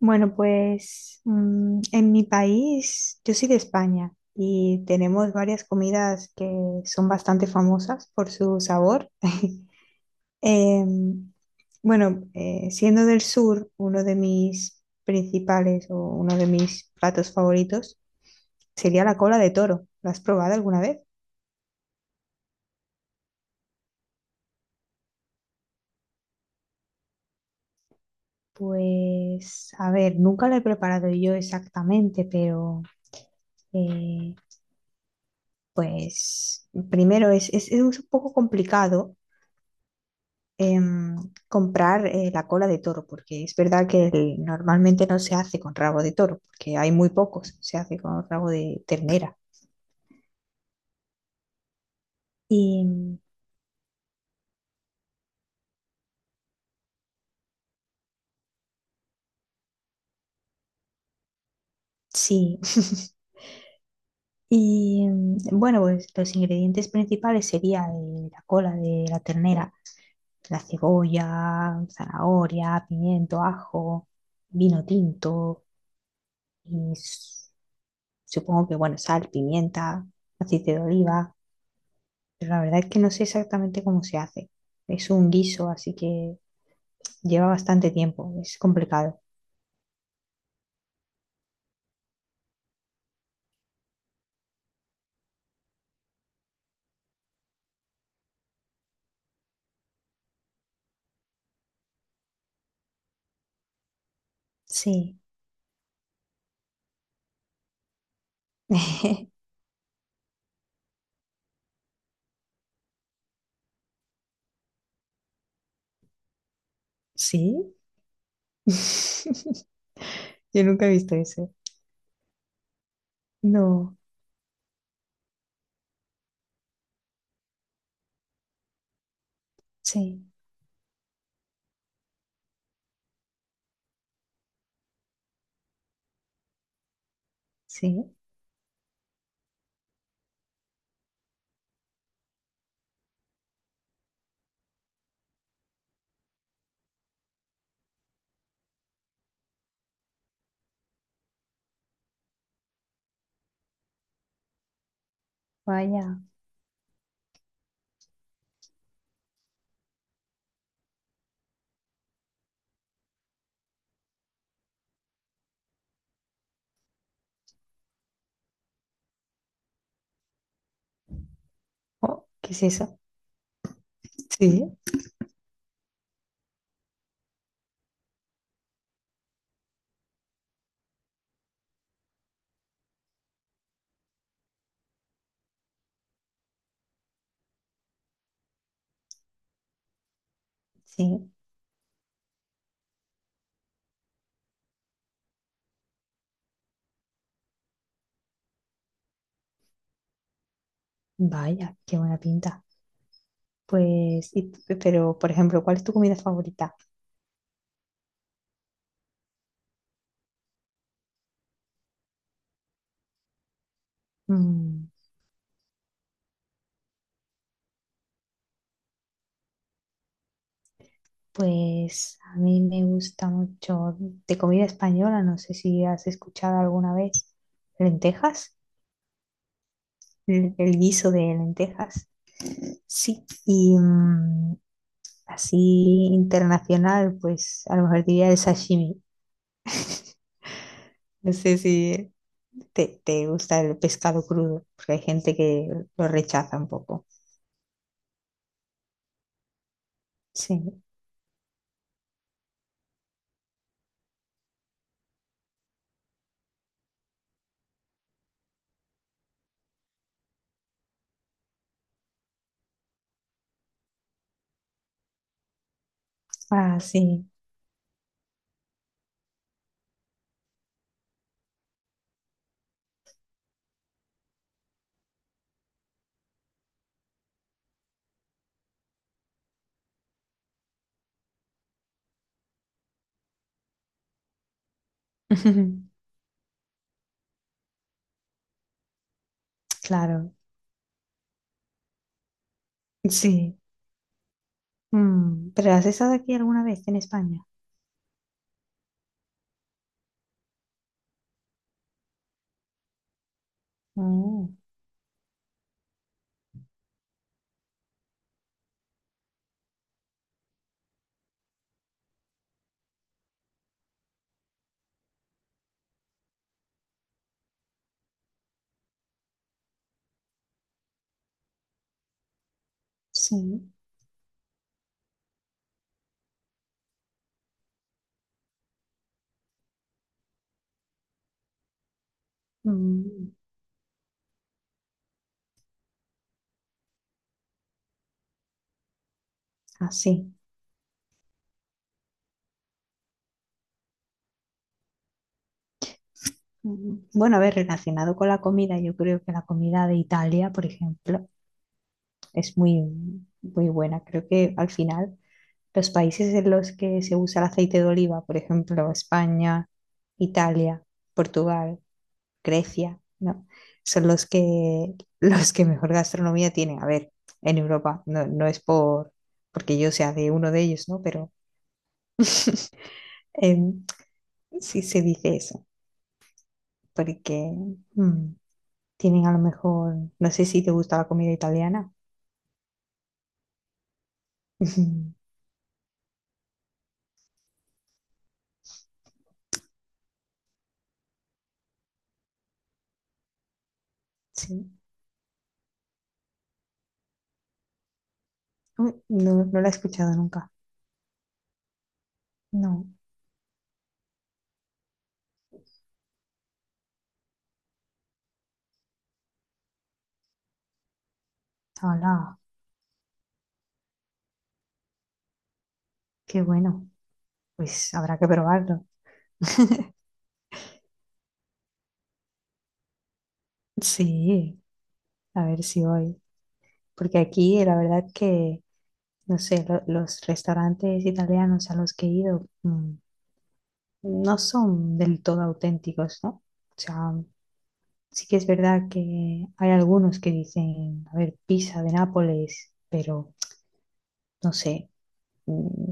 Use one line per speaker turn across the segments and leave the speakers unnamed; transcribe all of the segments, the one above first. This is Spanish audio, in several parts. Bueno, pues en mi país, yo soy de España y tenemos varias comidas que son bastante famosas por su sabor. Em, bueno, siendo del sur, uno de mis principales o uno de mis platos favoritos sería la cola de toro. ¿La has probado alguna vez? Pues, a ver, nunca la he preparado yo exactamente, pero eh, pues primero es un poco complicado em, comprar la cola de toro, porque es verdad que el- normalmente no se hace con rabo de toro, porque hay muy pocos, se hace con rabo de ternera. Y sí, y bueno, pues los ingredientes principales serían la cola de la ternera, la cebolla, zanahoria, pimiento, ajo, vino tinto y s- supongo que, bueno, sal, pimienta, aceite de oliva. Pero la verdad es que no sé exactamente cómo se hace. Es un guiso, así que lleva bastante tiempo. Es complicado. Sí. Sí. Yo nunca he visto eso. No. Sí. Sí. Vaya. Oh, ¿qué es eso? Sí. Sí. Vaya, qué buena pinta. Pues, y- pero, por ejemplo, ¿cuál es tu comida favorita? Mm, Pues a mí me gusta mucho de comida española, no sé si has escuchado alguna vez lentejas, el guiso de lentejas. Sí, y así internacional, pues a lo mejor diría el sashimi. No sé si te gusta el pescado crudo, porque hay gente que lo rechaza un poco. Sí, ah, sí, claro, sí. ¿Pero has estado aquí alguna vez en España? Oh, sí. Mm, así. Bueno, a ver, relacionado con la comida, yo creo que la comida de Italia, por ejemplo, es muy, muy buena. Creo que al final los países en los que se usa el aceite de oliva, por ejemplo, España, Italia, Portugal, Grecia, ¿no? Son los que, los que mejor gastronomía tienen. A ver, en Europa, no, no es por, porque yo sea de uno de ellos, ¿no? Pero em, sí se dice eso, porque... mm, tienen a lo mejor, no sé si te gusta la comida italiana. Sí. Uy, no, no la he escuchado nunca. No. Hola, qué bueno. Pues habrá que probarlo. Sí, a ver si voy. Porque aquí la verdad que, no sé, lo- los restaurantes italianos a los que he ido no son del todo auténticos, ¿no? O sea, sí que es verdad que hay algunos que dicen, a ver, pizza de Nápoles, pero no sé. mm,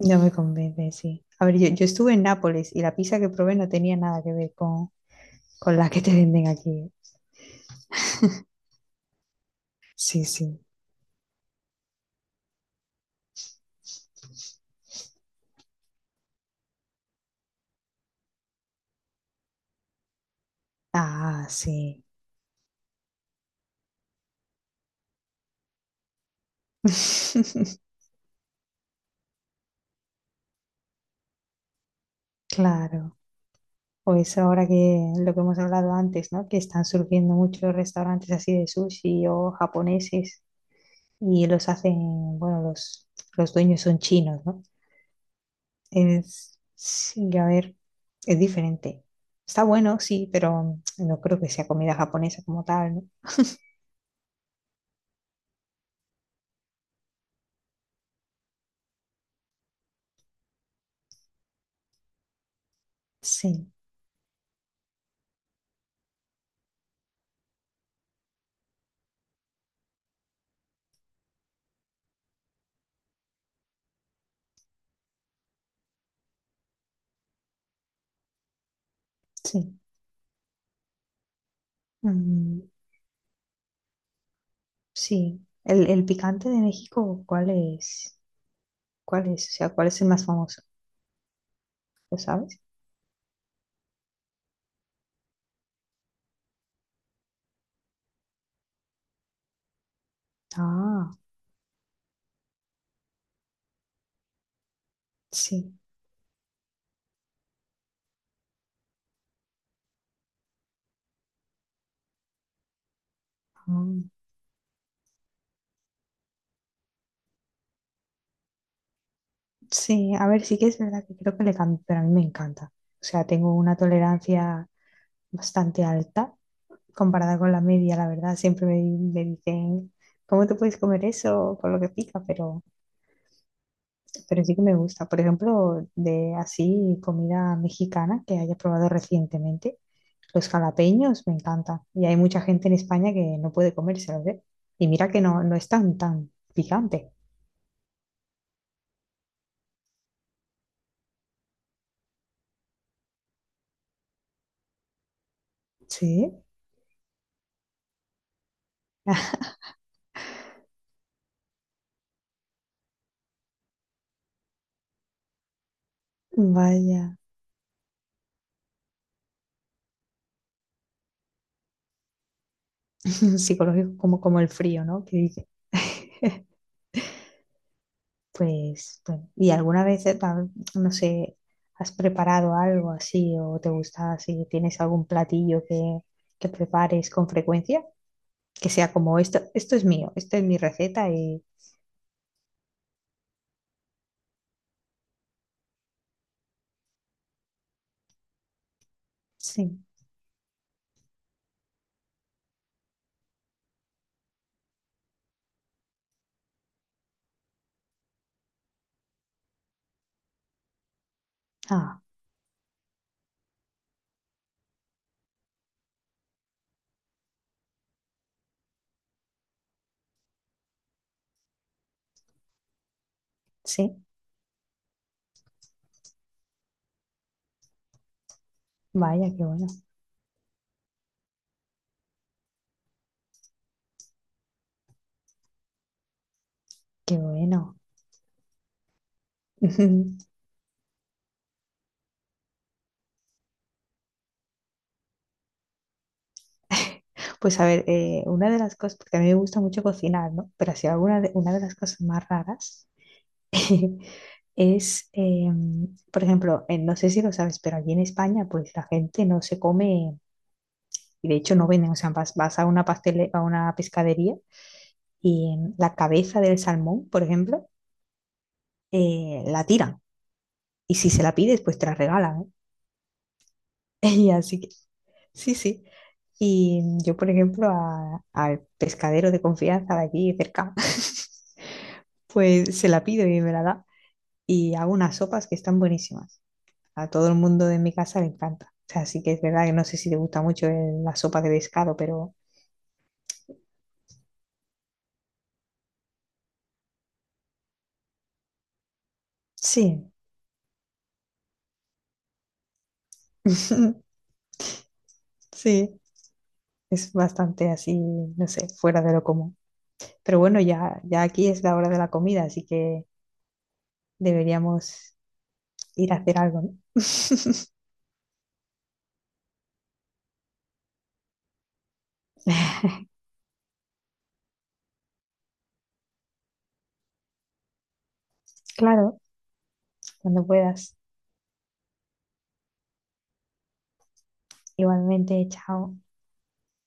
No me convence, sí. A ver, yo estuve en Nápoles y la pizza que probé no tenía nada que ver con la que te venden aquí. Sí, sí. Ah, sí. Claro. Pues ahora que lo que hemos hablado antes, ¿no? Que están surgiendo muchos restaurantes así de sushi o japoneses y los hacen, bueno, los dueños son chinos, ¿no? Es, sí, a ver, es diferente. Está bueno, sí, pero no creo que sea comida japonesa como tal, ¿no? Sí, sí. Mm, sí, el picante de México, ¿cuál es? ¿Cuál es? O sea, ¿cuál es el más famoso? ¿Lo sabes? Ah, sí. Mm, sí, a ver, sí que es verdad que creo que le cambio, pero a mí me encanta. O sea, tengo una tolerancia bastante alta comparada con la media, la verdad. Siempre me dicen, ¿cómo te puedes comer eso con lo que pica? Pero sí que me gusta. Por ejemplo, de así comida mexicana que haya probado recientemente, los jalapeños me encantan. Y hay mucha gente en España que no puede comérselos, ¿eh? Y mira que no, no es tan, tan picante. Sí, vaya. Psicológico como, como el frío, ¿no? Que dice. Pues, bueno, ¿y alguna vez, pa- no sé, has preparado algo así o te gusta así? ¿Tienes algún platillo que prepares con frecuencia? Que sea como esto es mío, esto es mi receta y sí, ah, sí, vaya, qué bueno, qué bueno. Pues a ver, una de las cosas, porque a mí me gusta mucho cocinar, ¿no? Pero así alguna de, una de las cosas más raras es, por ejemplo, no sé si lo sabes, pero aquí en España, pues la gente no se come, y de hecho no venden, o sea, vas, vas a una pastele, a una pescadería y la cabeza del salmón, por ejemplo, la tiran. Y si se la pides, pues te la regala, ¿eh? Y así que, sí, sí. Y yo, por ejemplo, a- al pescadero de confianza de aquí cerca, pues se la pido y me la da. Y hago unas sopas que están buenísimas. A todo el mundo de mi casa le encanta. O sea, sí que es verdad que no sé si te gusta mucho el- la sopa de pescado, pero sí, sí, es bastante así, no sé, fuera de lo común. Pero bueno, ya, ya aquí es la hora de la comida, así que deberíamos ir a hacer algo, ¿no? Claro, cuando puedas. Igualmente, chao.